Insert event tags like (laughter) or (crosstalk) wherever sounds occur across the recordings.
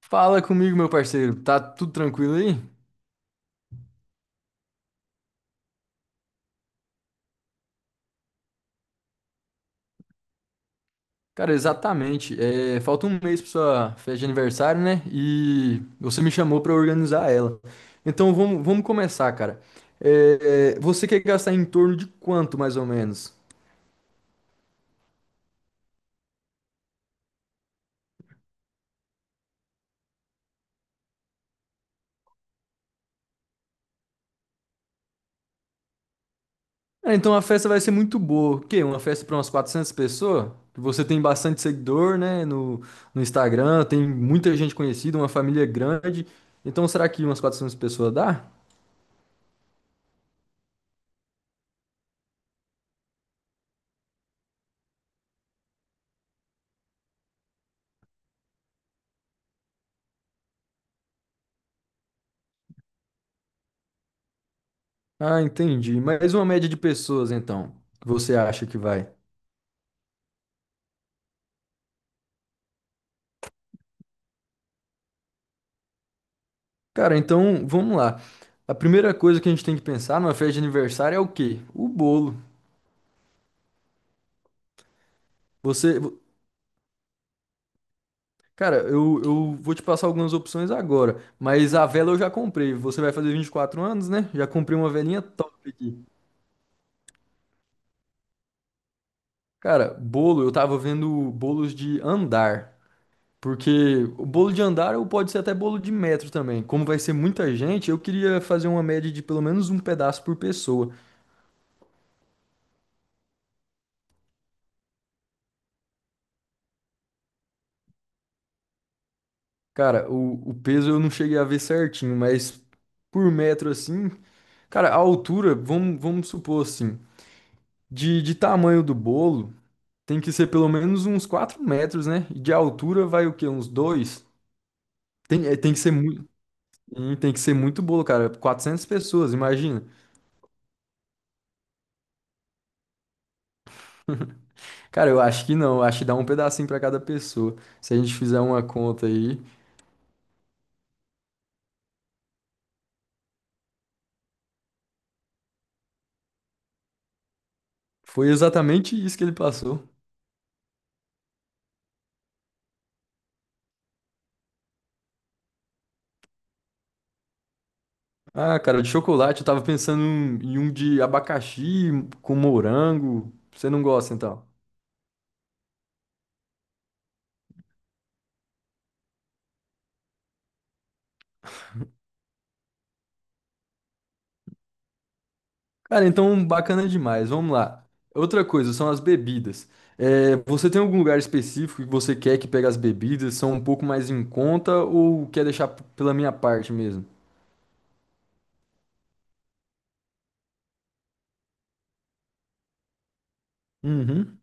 Fala comigo, meu parceiro. Tá tudo tranquilo aí? Cara, exatamente. É, falta um mês pra sua festa de aniversário, né? E você me chamou pra organizar ela. Então vamos começar, cara. Você quer gastar em torno de quanto, mais ou menos? Ah, então a festa vai ser muito boa. O quê? Uma festa pra umas 400 pessoas? Você tem bastante seguidor, né? No, no Instagram, tem muita gente conhecida, uma família grande. Então será que umas 400 pessoas dá? Ah, entendi. Mas uma média de pessoas, então, que você acha que vai? Cara, então, vamos lá. A primeira coisa que a gente tem que pensar numa festa de aniversário é o quê? O bolo. Você. vo- Cara, eu vou te passar algumas opções agora, mas a vela eu já comprei. Você vai fazer 24 anos, né? Já comprei uma velinha top aqui. Cara, bolo, eu tava vendo bolos de andar. Porque o bolo de andar ou pode ser até bolo de metro também. Como vai ser muita gente, eu queria fazer uma média de pelo menos um pedaço por pessoa. Cara, o peso eu não cheguei a ver certinho, mas por metro assim, cara, a altura, vamos supor assim, de tamanho do bolo, tem que ser pelo menos uns 4 metros, né? E de altura vai o quê? Uns 2 Tem, tem que ser muito, tem que ser muito bolo, cara. 400 pessoas, imagina. Cara, eu acho que não, eu acho que dá um pedacinho pra cada pessoa. Se a gente fizer uma conta aí, foi exatamente isso que ele passou. Ah, cara, de chocolate eu tava pensando em um de abacaxi com morango. Você não gosta, então? Cara, então bacana demais. Vamos lá. Outra coisa são as bebidas. É, você tem algum lugar específico que você quer que pegue as bebidas? São um pouco mais em conta ou quer deixar pela minha parte mesmo? Uhum,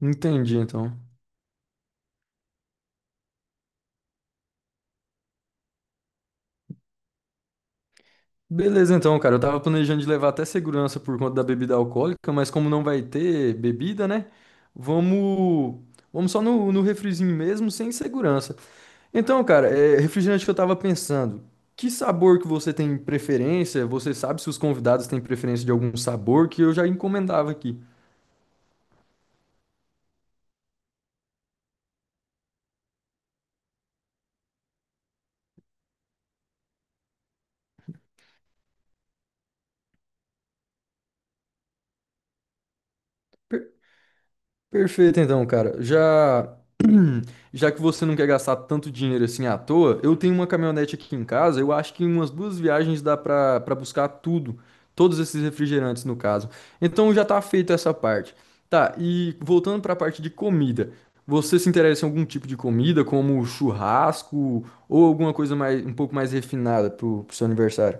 entendi então. Beleza, então, cara. Eu tava planejando de levar até segurança por conta da bebida alcoólica, mas como não vai ter bebida, né? Vamos, vamos só no refrizinho mesmo, sem segurança. Então, cara, refrigerante que eu tava pensando, que sabor que você tem preferência? Você sabe se os convidados têm preferência de algum sabor que eu já encomendava aqui. Per- perfeito, então, cara. Já Já que você não quer gastar tanto dinheiro assim à toa, eu tenho uma caminhonete aqui em casa. Eu acho que em umas duas viagens dá pra para buscar tudo, todos esses refrigerantes no caso. Então já tá feita essa parte. Tá, e voltando pra parte de comida. Você se interessa em algum tipo de comida, como churrasco ou alguma coisa mais um pouco mais refinada pro seu aniversário?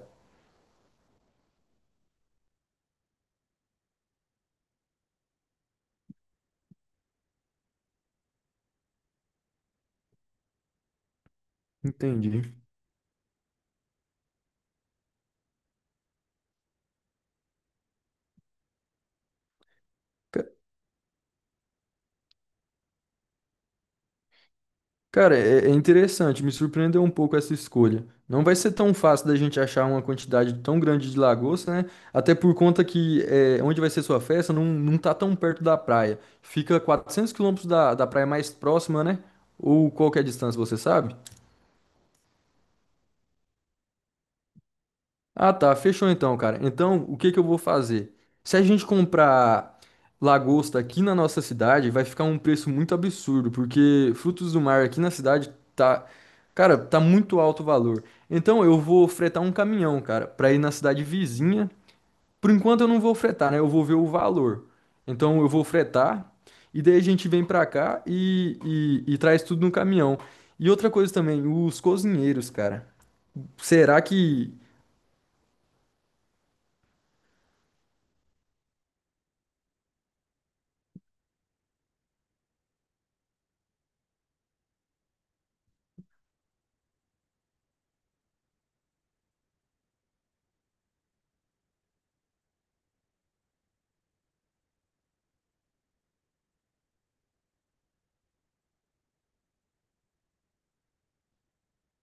Entendi. Cara, é interessante, me surpreendeu um pouco essa escolha. Não vai ser tão fácil da gente achar uma quantidade tão grande de lagosta, né? Até por conta que é, onde vai ser sua festa não, não tá tão perto da praia. Fica 400 quilômetros da praia mais próxima, né? Ou qual que é a distância, você sabe? Ah, tá. Fechou então, cara. Então, o que que eu vou fazer? Se a gente comprar lagosta aqui na nossa cidade, vai ficar um preço muito absurdo, porque frutos do mar aqui na cidade tá, cara, tá muito alto o valor. Então, eu vou fretar um caminhão, cara, pra ir na cidade vizinha. Por enquanto eu não vou fretar, né? Eu vou ver o valor. Então, eu vou fretar e daí a gente vem pra cá e, e traz tudo no caminhão. E outra coisa também, os cozinheiros, cara. Será que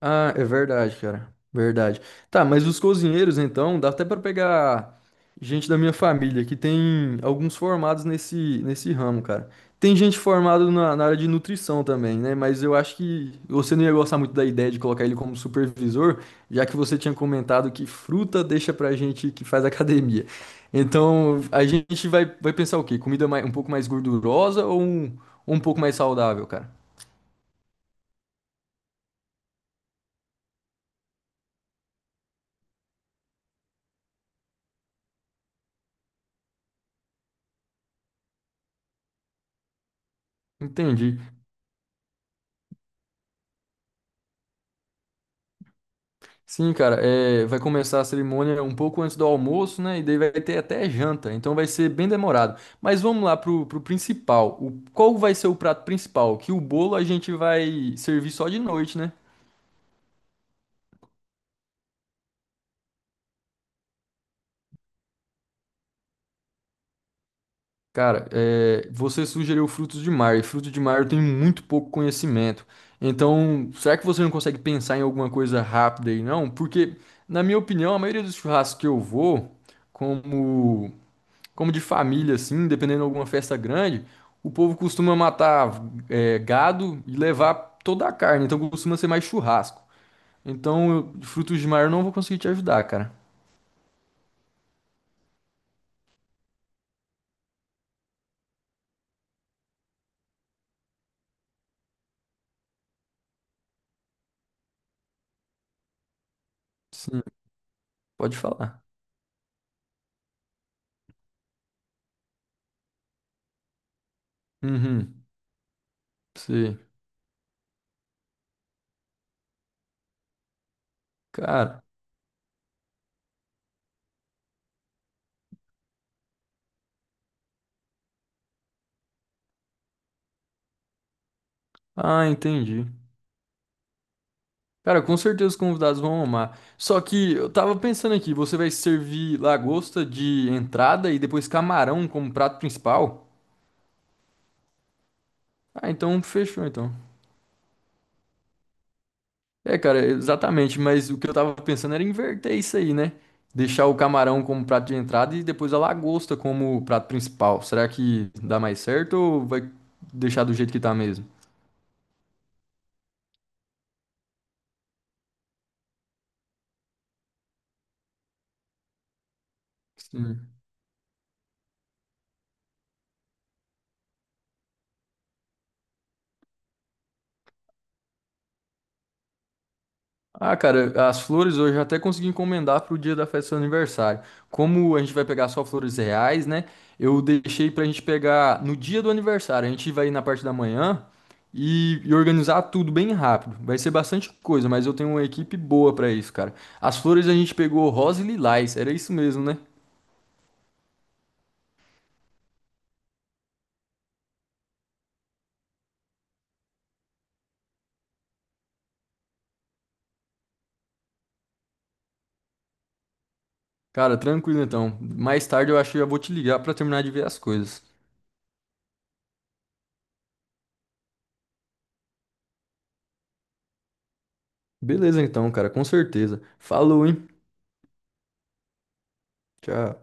Ah, é verdade, cara. Verdade. Tá, mas os cozinheiros, então, dá até pra pegar gente da minha família, que tem alguns formados nesse, nesse ramo, cara. Tem gente formada na área de nutrição também, né? Mas eu acho que você não ia gostar muito da ideia de colocar ele como supervisor, já que você tinha comentado que fruta deixa pra gente que faz (laughs) academia. Então, a gente vai, vai pensar o quê? Comida mais- um pouco mais gordurosa ou um pouco mais saudável, cara? Entendi. Sim, cara, vai começar a cerimônia um pouco antes do almoço, né? E daí vai ter até janta, então vai ser bem demorado. Mas vamos lá pro principal. O, qual vai ser o prato principal? Que o bolo a gente vai servir só de noite, né? Cara, você sugeriu frutos de mar, e frutos de mar eu tenho muito pouco conhecimento. Então, será que você não consegue pensar em alguma coisa rápida aí, não? Porque, na minha opinião, a maioria dos churrascos que eu vou, como. Como de família, assim, dependendo de alguma festa grande, o povo costuma matar gado e levar toda a carne, então costuma ser mais churrasco. Então, eu- de frutos de mar eu não vou conseguir te ajudar, cara. Sim, pode falar. Uhum, sei. Cara, ah, entendi. Cara, com certeza os convidados vão amar. Só que eu tava pensando aqui, você vai servir lagosta de entrada e depois camarão como prato principal? Ah, então fechou então. É, cara, exatamente, mas o que eu tava pensando era inverter isso aí, né? Deixar o camarão como prato de entrada e depois a lagosta como prato principal. Será que dá mais certo ou vai deixar do jeito que tá mesmo? Sim. Ah, cara, as flores hoje eu até consegui encomendar pro dia da festa do seu aniversário. Como a gente vai pegar só flores reais, né? Eu deixei pra gente pegar no dia do aniversário. A gente vai ir na parte da manhã e organizar tudo bem rápido. Vai ser bastante coisa, mas eu tenho uma equipe boa pra isso, cara. As flores a gente pegou rosa e lilás, era isso mesmo, né? Cara, tranquilo então. Mais tarde eu acho que já vou te ligar pra terminar de ver as coisas. Beleza então, cara, com certeza. Falou, hein? Tchau.